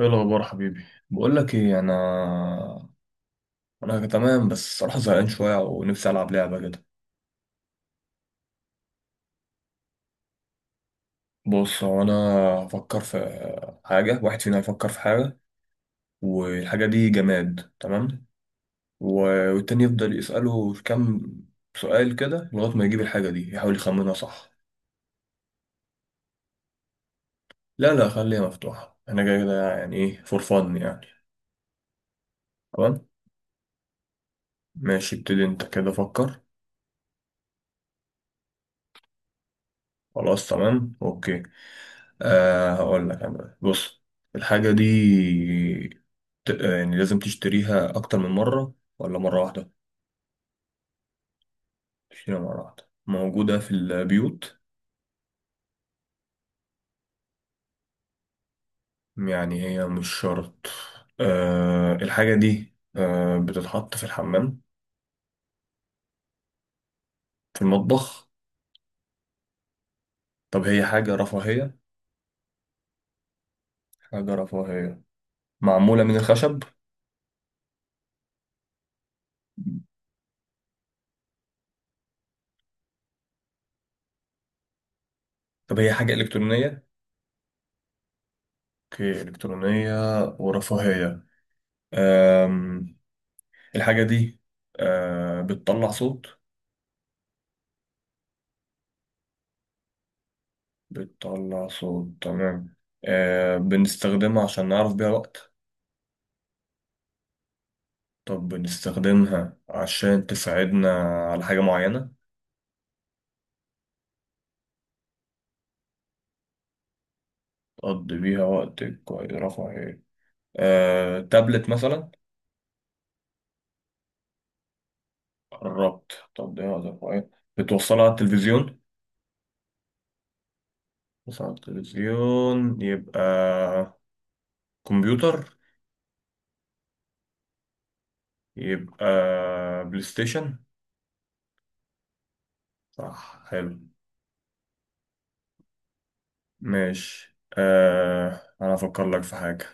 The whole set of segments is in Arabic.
ايه الاخبار حبيبي؟ بقول لك ايه انا. انا تمام، بس الصراحه زهقان شويه، ونفسي العب لعبه كده. بص، هو انا هفكر في حاجه. واحد فينا هيفكر في حاجه، والحاجه دي جماد، تمام. والتاني يفضل يساله كام سؤال كده لغايه ما يجيب الحاجه دي، يحاول يخمنها، صح؟ لا، لا، خليها مفتوحه، انا جاي كده يعني ايه فور فن يعني. تمام، ماشي، ابتدي انت كده، فكر. خلاص، تمام، اوكي. هقول لك انا، بص. الحاجه دي، يعني لازم تشتريها أكتر من مرة ولا مرة واحدة؟ تشتريها مرة واحدة، موجودة في البيوت، يعني هي مش شرط. الحاجة دي بتتحط في الحمام؟ في المطبخ؟ طب هي حاجة رفاهية؟ حاجة رفاهية، معمولة من الخشب؟ طب هي حاجة إلكترونية؟ أوكي، إلكترونية ورفاهية. أم الحاجة دي بتطلع صوت؟ بتطلع صوت، تمام. بنستخدمها عشان نعرف بيها وقت؟ طب بنستخدمها عشان تساعدنا على حاجة معينة؟ تقضي بيها وقت كويس، رفع ايه؟ آه، تابلت مثلا؟ قربت، تقضي وقت، رفع ايه؟ بتوصلها على التلفزيون؟ بتوصلها على التلفزيون، يبقى كمبيوتر؟ يبقى بلاي ستيشن؟ صح، حلو. ماشي، انا افكر لك في حاجة.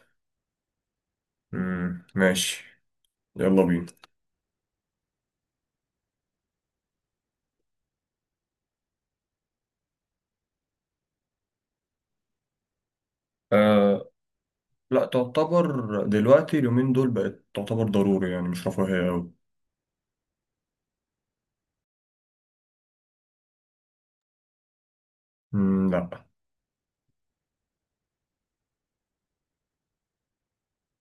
مم. ماشي، يلا بينا. آه، لا، تعتبر دلوقتي اليومين دول بقت تعتبر ضروري، يعني مش رفاهية أوي. مم، لا.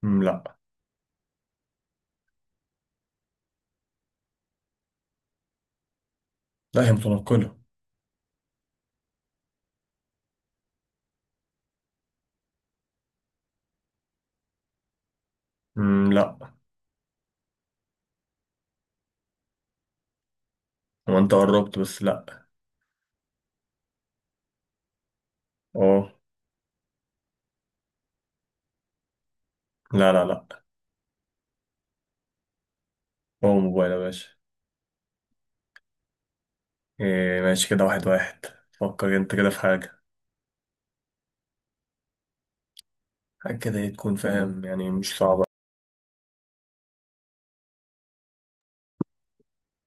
مم، لا. لا، هي متنقلة. مم، لا. هو انت قربت بس لا. اه. لا، لا، لا. هو موبايل يا باشا. إيه، ماشي كده، واحد واحد. فكر انت كده في حاجة. حاجة كده ايه، تكون فاهم، يعني مش صعبة.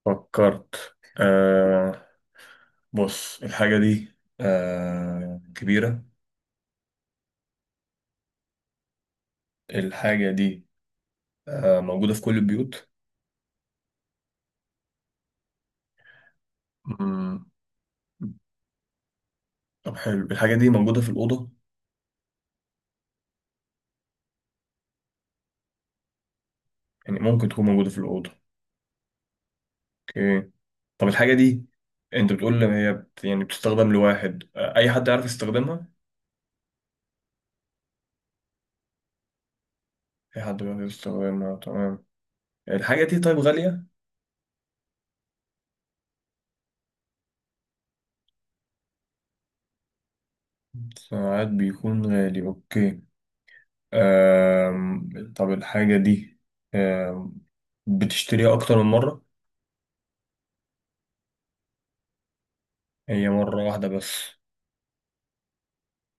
فكرت. بص، الحاجة دي كبيرة؟ الحاجة دي موجودة في كل البيوت؟ مم، طب حلو، الحاجة دي موجودة في الأوضة؟ يعني ممكن تكون موجودة في الأوضة. اوكي، طب الحاجة دي، انت بتقول ان هي يعني بتستخدم لواحد، اي حد يعرف يستخدمها؟ اي حد بيعرف يستخدمها، تمام. الحاجة دي طيب غالية؟ ساعات بيكون غالي، اوكي. طب الحاجة دي أم... بتشتريها اكتر من مرة؟ هي مرة واحدة بس،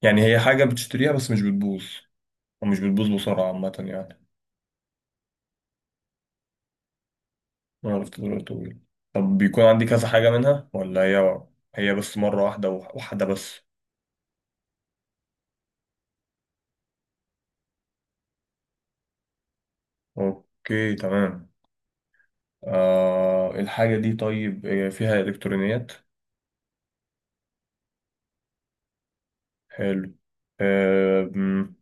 يعني هي حاجة بتشتريها بس مش بتبوظ، ومش بتبوظ بسرعة عامة يعني. انا عرفت دلوقتي، تقول طب بيكون عندي كذا حاجة منها، ولا هي بس مرة واحدة وحدة بس؟ اوكي، تمام. الحاجة دي طيب فيها إلكترونيات؟ حلو. آه مم،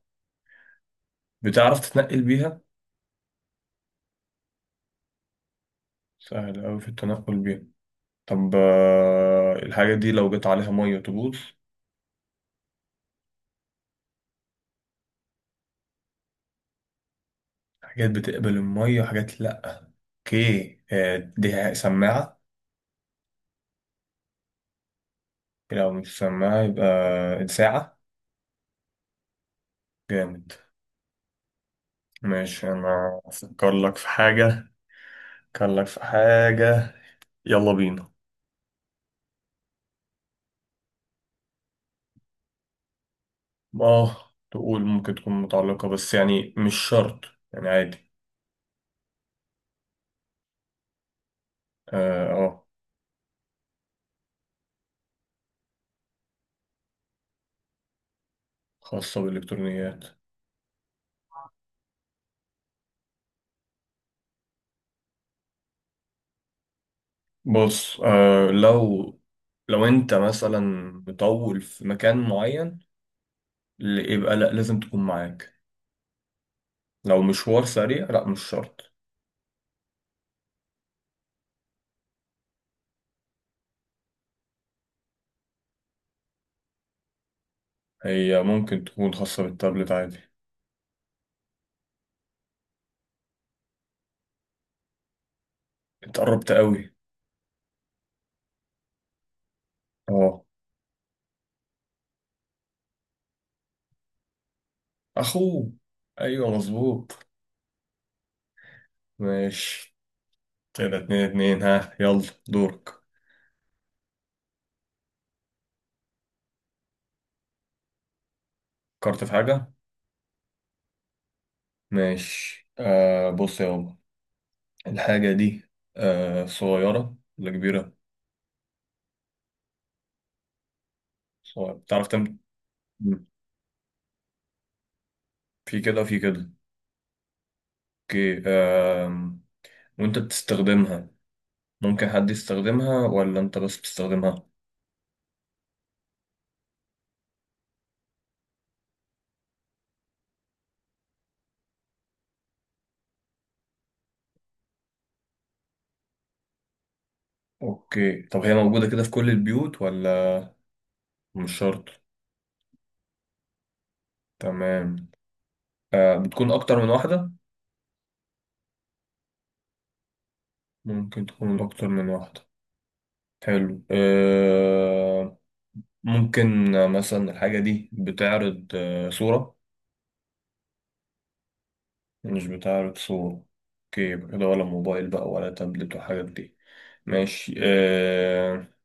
بتعرف تتنقل بيها؟ سهل أوي في التنقل بيها. طب الحاجة دي لو جت عليها مية تبوظ؟ حاجات بتقبل المية، حاجات لأ، أوكي. دي سماعة؟ لو مش سماعة يبقى ساعة؟ جامد. ماشي، أنا أفكر لك في حاجة. أفكر لك في حاجة، يلا بينا. اه، تقول ممكن تكون متعلقة بس، يعني مش شرط، يعني عادي. اه، آه، خاصة بالإلكترونيات. بص، لو انت مثلا مطول في مكان معين، يبقى لا، لازم تكون معاك. لو مشوار سريع، لا، مش شرط. هي ممكن تكون خاصة بالتابلت عادي. انت قربت قوي. اه. اخوه. ايوه، مظبوط. ماشي. كده اتنين اتنين، ها، يلا، دورك. فكرت في حاجة، ماشي. بص يا بابا، الحاجة دي صغيرة ولا كبيرة؟ صغيرة، بتعرف مم. في كده في كده، اوكي. وانت بتستخدمها، ممكن حد يستخدمها ولا انت بس بتستخدمها؟ اوكي، طب هي موجودة كده في كل البيوت ولا مش شرط؟ تمام. بتكون اكتر من واحدة؟ ممكن تكون اكتر من واحدة، حلو. ممكن مثلا الحاجة دي بتعرض صورة؟ مش بتعرض صورة، اوكي. يبقى كده ولا موبايل بقى ولا تابلت والحاجات دي. ماشي.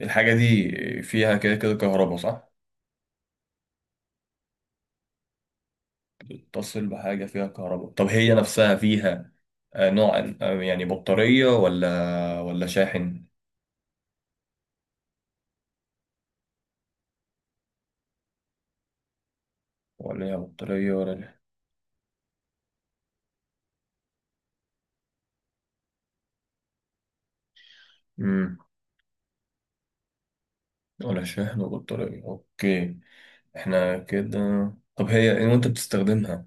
الحاجة دي فيها كده كده كهرباء، صح؟ بتتصل بحاجة فيها كهرباء، طب هي نفسها فيها نوع يعني بطارية ولا شاحن؟ ولا هي بطارية ولا؟ مم. ولا شاحن وبطارية، اوكي. احنا كده. طب هي إيه وانت بتستخدمها؟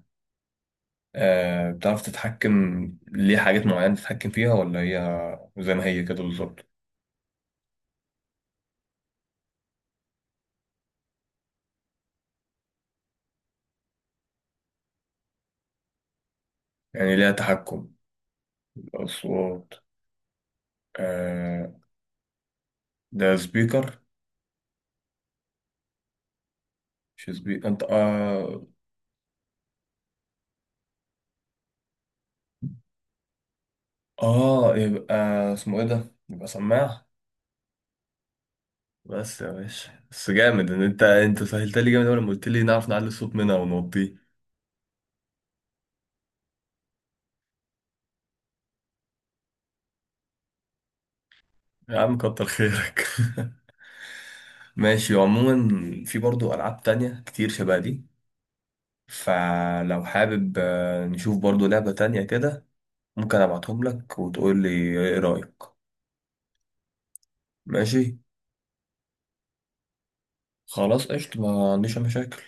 بتعرف تتحكم ليه حاجات معينة، تتحكم فيها ولا هي زي ما هي كده بالظبط؟ يعني ليها تحكم أصوات. آه ده سبيكر؟ مش سبيكر انت. اه، يبقى اسمه ايه ده، يبقى سماعة. بس يا باشا، بس جامد ان انت سهلت لي جامد أوي لما قلت لي نعرف نعلي الصوت منها ونوطيه. يا عم كتر خيرك. ماشي، وعموما في برضو العاب تانية كتير شبه دي، فلو حابب نشوف برضو لعبة تانية كده، ممكن ابعتهم لك وتقول لي ايه رأيك. ماشي، خلاص، قشطة، ما عنديش أي مشاكل.